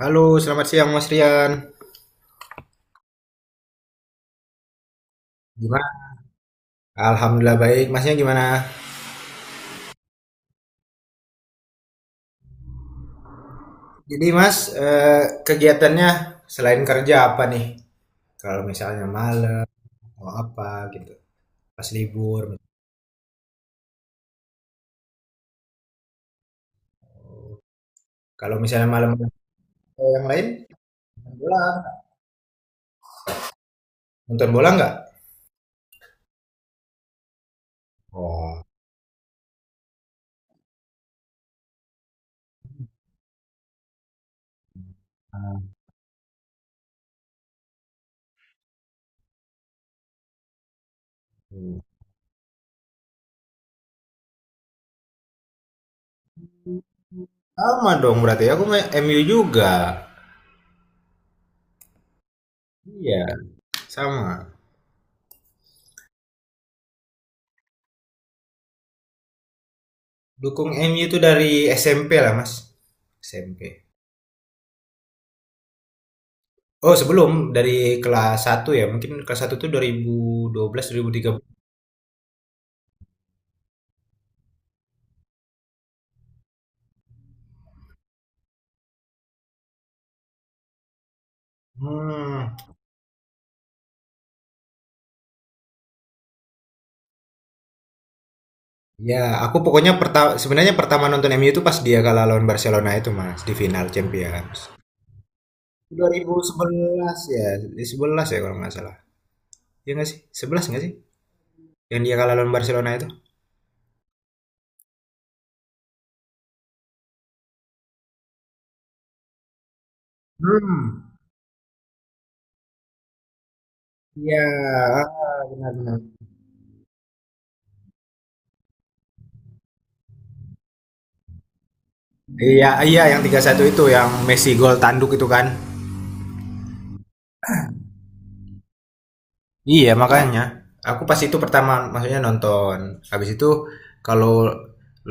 Halo, selamat siang Mas Rian. Gimana? Alhamdulillah baik. Masnya gimana? Jadi Mas, kegiatannya selain kerja apa nih? Kalau misalnya malam mau apa gitu, pas libur. Kalau misalnya malam yang lain, nonton bola. Nonton bola nggak? Oh, hmm. Sama dong berarti. Aku main MU juga. Iya, sama. Dukung MU itu dari SMP lah Mas. SMP. Oh, sebelum dari kelas satu ya. Mungkin kelas 1 tuh 2012 belas? Hmm, ya aku pokoknya sebenarnya pertama nonton MU itu pas dia kalah lawan Barcelona itu Mas, di final Champions. 2011 ya, 11 ya kalau nggak salah. Ya nggak sih? 11 nggak sih? Yang dia kalah lawan Barcelona itu? Hmm, iya, heeh, benar benar. Iya iya, yang 3-1 itu yang Messi gol tanduk itu kan? Iya makanya aku pas itu pertama maksudnya nonton. Habis itu kalau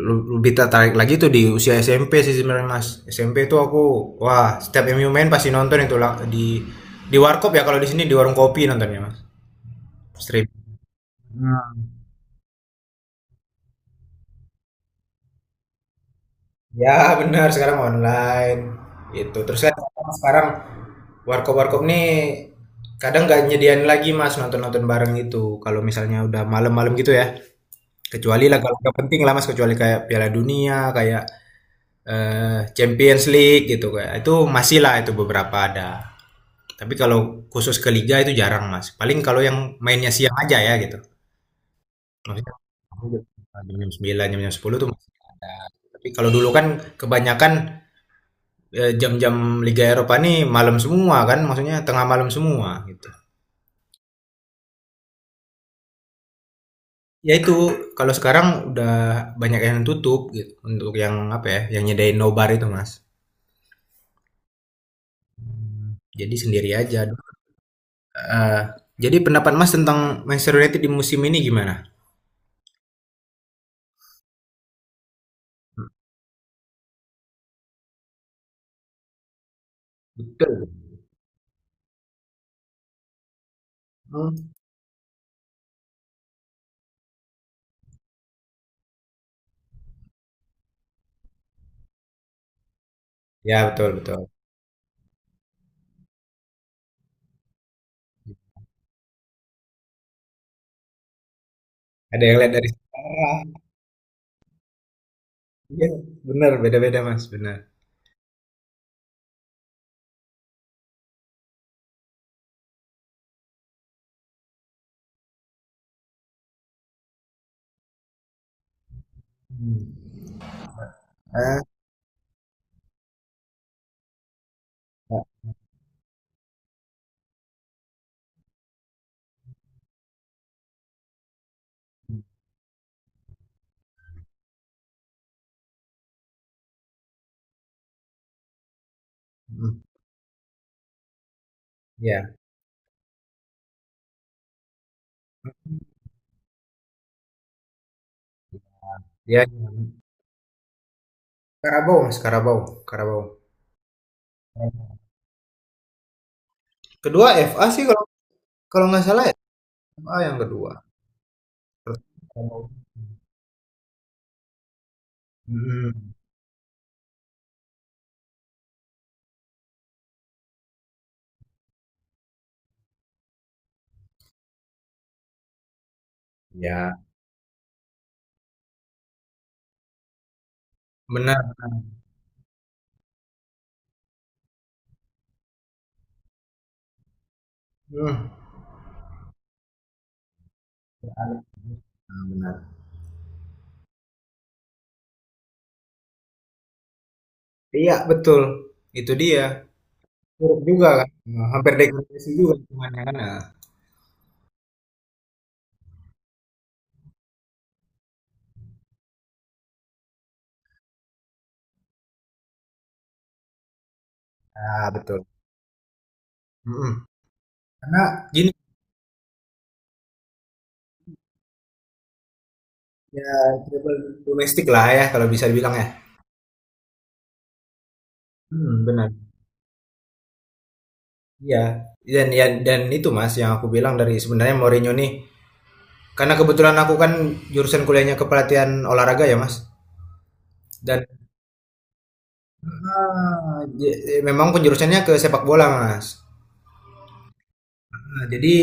lebih tertarik lagi tuh di usia SMP sih sebenarnya Mas. SMP tuh aku, wah setiap MU main pasti nonton itu lah. di warkop ya, kalau di sini di warung kopi nontonnya Mas. Stream. Hmm. Ya benar, sekarang online itu terus kan, sekarang warkop-warkop nih kadang nggak nyediain lagi mas nonton-nonton bareng itu kalau misalnya udah malam-malam gitu ya. Kecuali laga-laga penting lah Mas, kecuali kayak Piala Dunia, kayak Champions League gitu kayak. Itu masih lah, itu beberapa ada. Tapi kalau khusus ke liga itu jarang Mas. Paling kalau yang mainnya siang aja ya gitu. Maksudnya jam 9, jam jam sepuluh tuh masih ada. Tapi kalau dulu kan kebanyakan jam-jam Liga Eropa nih malam semua kan, maksudnya tengah malam semua gitu. Ya itu kalau sekarang udah banyak yang tutup gitu untuk yang apa ya, yang nyedain nobar itu Mas. Jadi sendiri aja, heeh. Jadi pendapat Mas tentang Manchester United di musim ini gimana? Hmm, betul, mmm, ya betul betul. Ada yang lihat dari sejarah, iya, benar, beda-beda Mas, benar. Mmm, eee, Kak, mhm, iya. Iya iya, Karabau Mas, Karabau Karabau. Kedua FA sih, kalau kalau nggak salah ya, FA yang kedua, terus Karabau, mhm, iya, bener, mhm, benar, iya betul, itu dia. Buruk juga kan, hampir degradasi juga lingkungannya kan, heeh. Ah, betul, mhm. Karena gini, ya trouble domestik lah ya kalau bisa dibilang ya. Mhm, benar. Iya, dan itu Mas yang aku bilang dari sebenarnya Mourinho nih, karena kebetulan aku kan jurusan kuliahnya kepelatihan olahraga ya Mas, dan heeh, memang penjurusannya ke sepak bola Mas. Heeh, jadi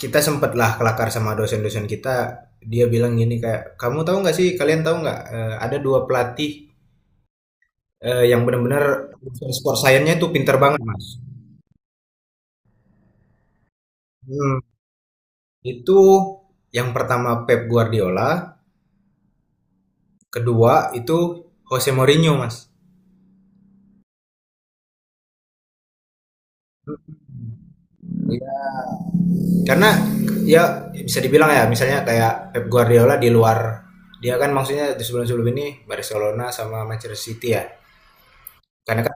kita sempatlah kelakar sama dosen-dosen kita, dia bilang gini kayak, "Kamu tahu nggak sih, kalian tahu nggak, ada 2 pelatih." Yang benar-benar urusan sport science-nya itu pinter banget, Mas. Mhm, itu yang pertama Pep Guardiola, kedua itu Jose Mourinho, Mas. Iya, karena ya bisa dibilang ya misalnya kayak Pep Guardiola di luar, dia kan maksudnya di sebelum-sebelum ini Barcelona sama Manchester City ya, karena kan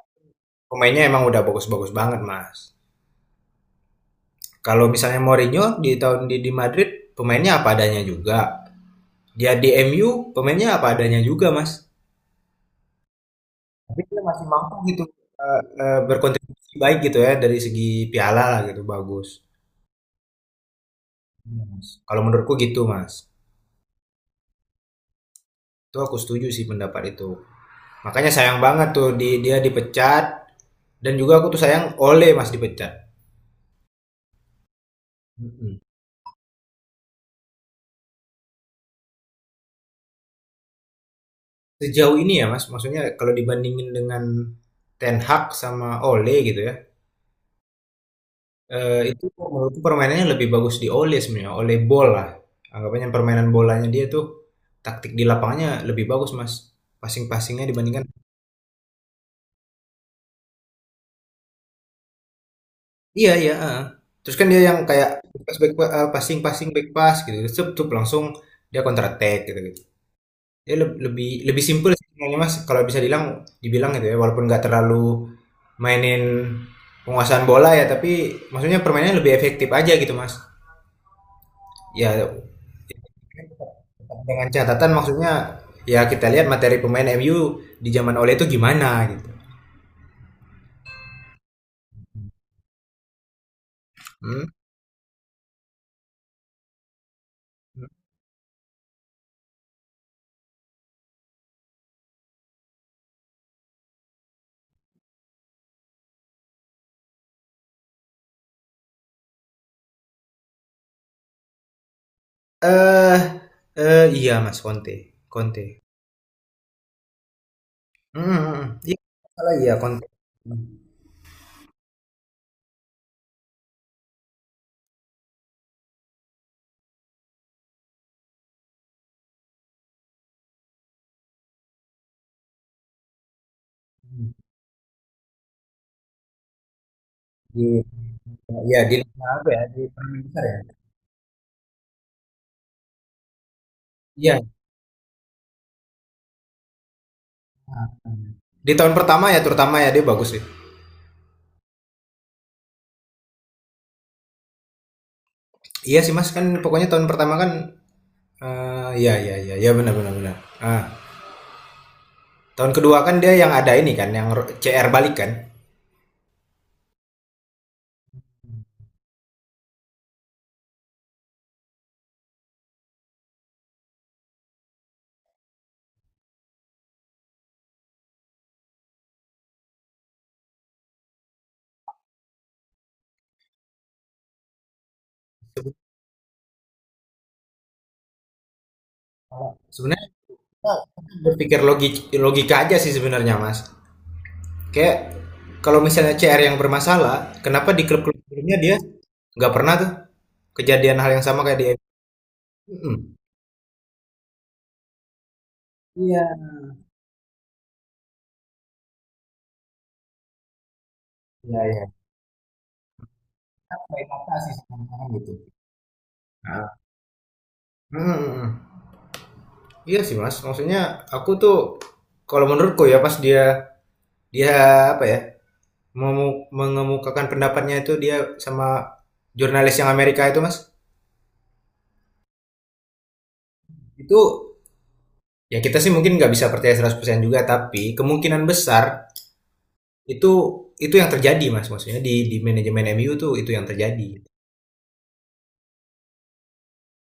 pemainnya emang udah bagus-bagus banget, Mas. Kalau misalnya Mourinho di tahun, di Madrid pemainnya apa adanya juga, dia di MU pemainnya apa adanya juga, Mas. Tapi dia masih mampu gitu, berkontribusi baik gitu ya dari segi piala lah gitu bagus. Iya, Mas. Kalau menurutku gitu Mas. Itu aku setuju sih pendapat itu. Makanya sayang banget tuh, dia dipecat, dan juga aku tuh sayang Ole Mas dipecat. Mm-mm. Sejauh ini ya Mas, maksudnya kalau dibandingin dengan Ten Hag sama Ole gitu ya. Itu menurutku permainannya lebih bagus di Ole sebenarnya, Ole bola. Anggapannya permainan bolanya dia tuh taktik di lapangnya lebih bagus Mas. Passing-passingnya dibandingkan. Iya iya, heeh. Terus kan dia yang kayak pas back passing passing back pass gitu, cup cup langsung dia counter attack gitu gitu. Dia leb- lebih lebih simpel sih sebenarnya Mas kalau bisa dibilang dibilang gitu ya walaupun nggak terlalu mainin penguasaan bola ya tapi maksudnya permainannya lebih efektif aja gitu Mas. Ya dengan catatan maksudnya ya kita lihat materi pemain MU di zaman Ole itu gimana gitu. Hmm. Eh iya Mas Conte. Conte. Mhm mhm. Iya, salah iya konten. Mhm, di di negara apa ya, di Permen Besar ya? Iya, mhm. Di tahun pertama ya terutama ya dia bagus sih. Iya sih Mas, kan pokoknya tahun pertama kan, ya ya ya iya, benar benar benar. Ah, tahun kedua kan dia yang ada ini kan, yang CR balik kan? Sebe sebenarnya kita berpikir logika aja sih sebenarnya Mas. Kayak kalau misalnya CR yang bermasalah, kenapa di klub-klub sebelumnya dia nggak pernah tuh kejadian hal yang sama kayak di mhm. Iya. Iya iya. Inovasi sekarang orang gitu. Ah, hmm, hmm. Iya sih mas, maksudnya aku tuh kalau menurutku ya pas dia dia apa ya, mengemukakan pendapatnya itu, dia sama jurnalis yang Amerika itu mas, itu ya kita sih mungkin nggak bisa percaya 100% juga tapi kemungkinan besar itu itu yang terjadi mas, maksudnya di manajemen MU tuh itu yang terjadi.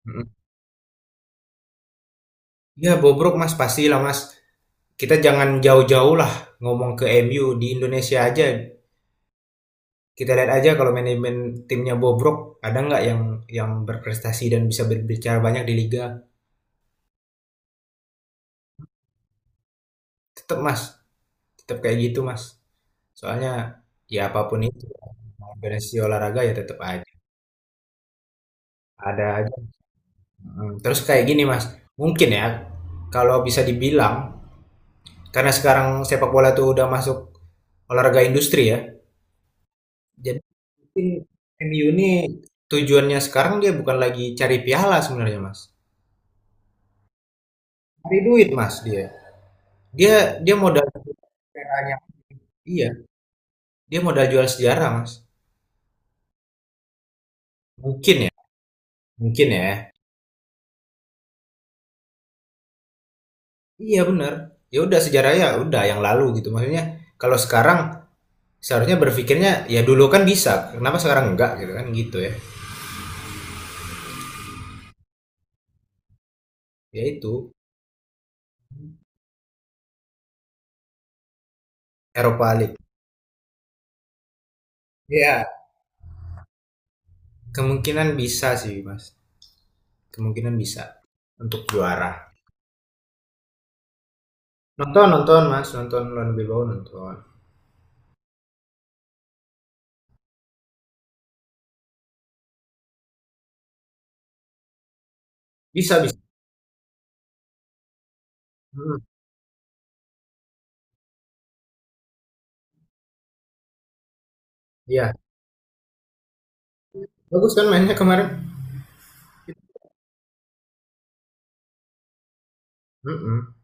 mm Ya bobrok mas, pastilah mas, kita jangan jauh-jauh lah ngomong, ke MU di Indonesia aja. Kita lihat aja, kalau manajemen timnya bobrok, ada nggak yang berprestasi dan bisa berbicara banyak di liga? Tetap Mas, tetap kayak gitu Mas. Soalnya ya apapun itu organisasi olahraga ya tetap aja ada aja. Terus kayak gini Mas, mungkin ya kalau bisa dibilang karena sekarang sepak bola tuh udah masuk olahraga industri ya. Jadi mungkin M u ini tujuannya sekarang dia bukan lagi cari piala sebenarnya Mas. Cari duit Mas dia. Dia dia modal. Iya, dia modal jual sejarah, Mas. Mungkin ya, mungkin ya. Iya, bener. Ya udah sejarah ya udah yang lalu gitu. Maksudnya kalau sekarang seharusnya berpikirnya ya dulu kan bisa, kenapa sekarang enggak gitu kan gitu ya. Ya itu Eropa League. Iya, kemungkinan bisa sih, Mas. Kemungkinan bisa untuk juara. Nonton, nonton, Mas. Nonton lawan Bilbao nonton. Bisa, bisa. Hmm, iya. Bagus kan mainnya kemarin? Mm-mm.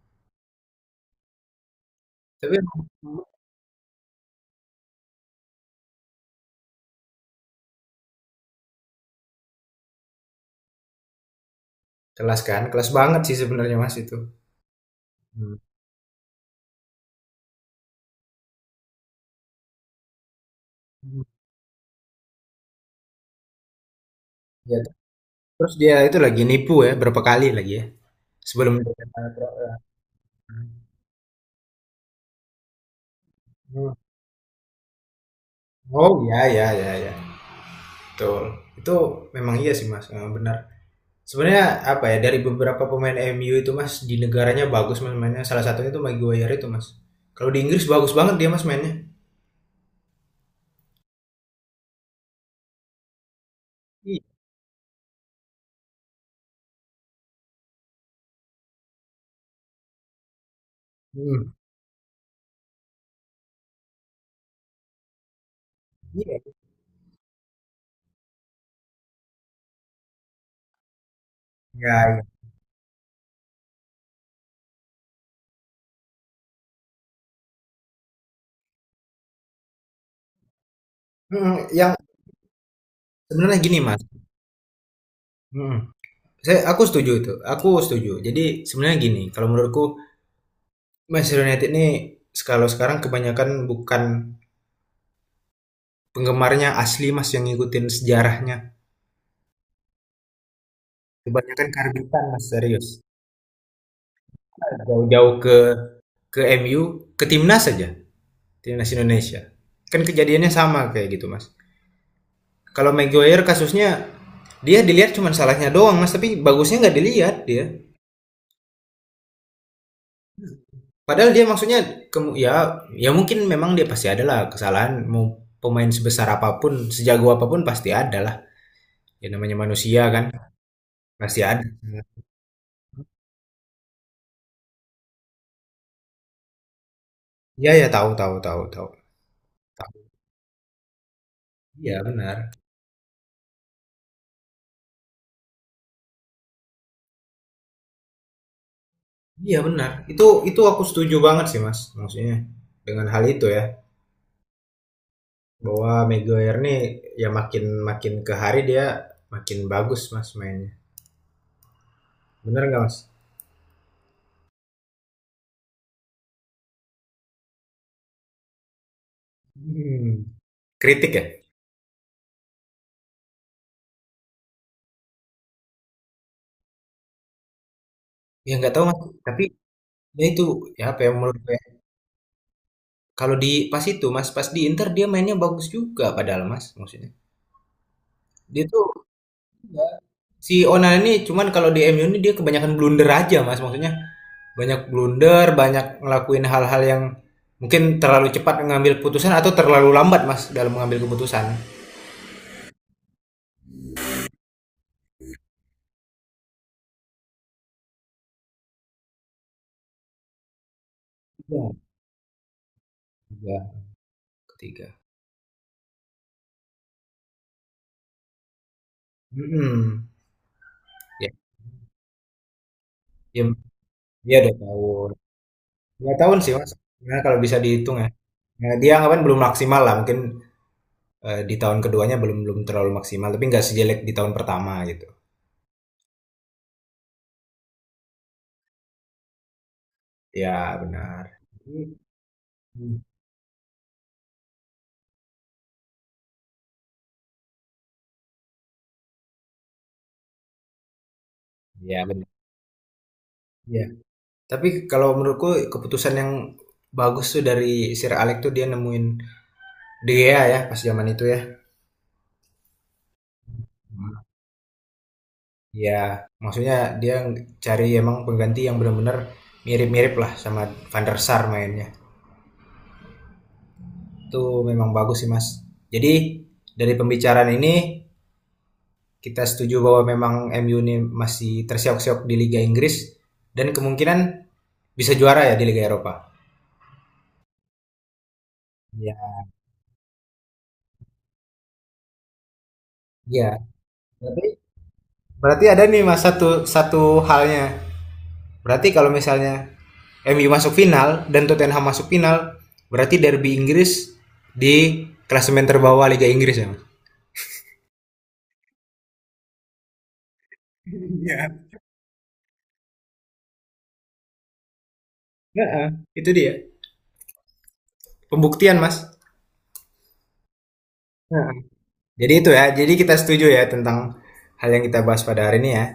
Tapi emang kelas kan, kelas banget sih sebenarnya Mas itu. Hmm. Ya, terus dia itu lagi nipu ya, berapa kali lagi ya, sebelum. Mhm. Oh, ya ya ya ya betul. Itu memang iya sih, Mas, heeh, benar. Sebenarnya apa ya, dari beberapa pemain MU itu, Mas, di negaranya bagus Mas mainnya, salah satunya itu Maguire itu, Mas. Kalau di Inggris bagus banget dia, Mas, mainnya. I mhm, iya. Hmm. Iya ya, iya, mhm, yang sebenarnya gini, Mas, mhm, aku setuju itu, aku setuju. Jadi sebenarnya gini, kalau menurutku Manchester United ini, kalau sekarang kebanyakan bukan penggemarnya asli, Mas, yang ngikutin sejarahnya. Kebanyakan karbitan, Mas, serius. Jauh-jauh ke MU, ke timnas saja, timnas Indonesia. Kan kejadiannya sama kayak gitu, Mas. Kalau Maguire kasusnya dia dilihat cuma salahnya doang, Mas, tapi bagusnya nggak dilihat dia. Padahal dia maksudnya, ya ya mungkin memang dia pasti adalah kesalahan, mau pemain sebesar apapun, sejago apapun pasti ada lah. Ya namanya manusia kan, pasti ada. Iya ya, tahu tahu tahu. Tahu. Iya benar. Iya benar, itu aku setuju banget sih Mas, maksudnya dengan hal itu ya, bahwa Maguire nih ya makin makin ke hari dia makin bagus Mas mainnya. Benar nggak Mas? Hmm. Kritik ya? Ya nggak tahu Mas, tapi ya itu ya apa yang menurut saya, kalau di pas itu Mas, pas di Inter dia mainnya bagus juga padahal Mas, maksudnya. Dia tuh si Onana ini cuman kalau di MU ini dia kebanyakan blunder aja mas, maksudnya banyak blunder, banyak ngelakuin hal-hal yang mungkin terlalu cepat mengambil putusan atau terlalu lambat mas dalam mengambil keputusan. Ya, ketiga ketiga. Mm-mm. Ya dia 2 tahun 2 tahun sih mas. Nah, kalau bisa dihitung ya. Nah, dia anggapan belum maksimal lah mungkin, di tahun keduanya belum belum terlalu maksimal tapi nggak sejelek di tahun pertama gitu. Ya benar. Mm. Ya benar ya. Tapi kalau menurutku keputusan yang bagus tuh dari Sir Alex tuh dia nemuin De Gea ya pas zaman itu ya. Hmm. Ya, maksudnya dia cari emang pengganti yang benar-benar mirip-mirip lah sama Van der Sar mainnya. Itu memang bagus sih, Mas. Jadi dari pembicaraan ini kita setuju bahwa memang MU ini masih tersiok-siok di Liga Inggris dan kemungkinan bisa juara ya di Liga Eropa. Iya. Iya. Berarti berarti ada nih Mas satu satu halnya. Berarti kalau misalnya MU masuk final dan Tottenham masuk final, berarti derby Inggris di klasemen terbawah Liga Inggris ya, Mas? Iya. Heeh, itu dia. Pembuktian, Mas. Nah. Jadi itu ya. Jadi kita setuju ya tentang hal yang kita bahas pada hari ini ya,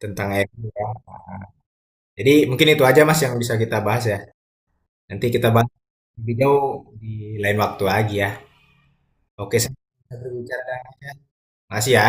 tentang MU ya. Jadi mungkin itu aja Mas yang bisa kita bahas ya. Nanti kita bahas lebih jauh di lain waktu lagi ya. Oke, sampai berbicara. Makasih ya.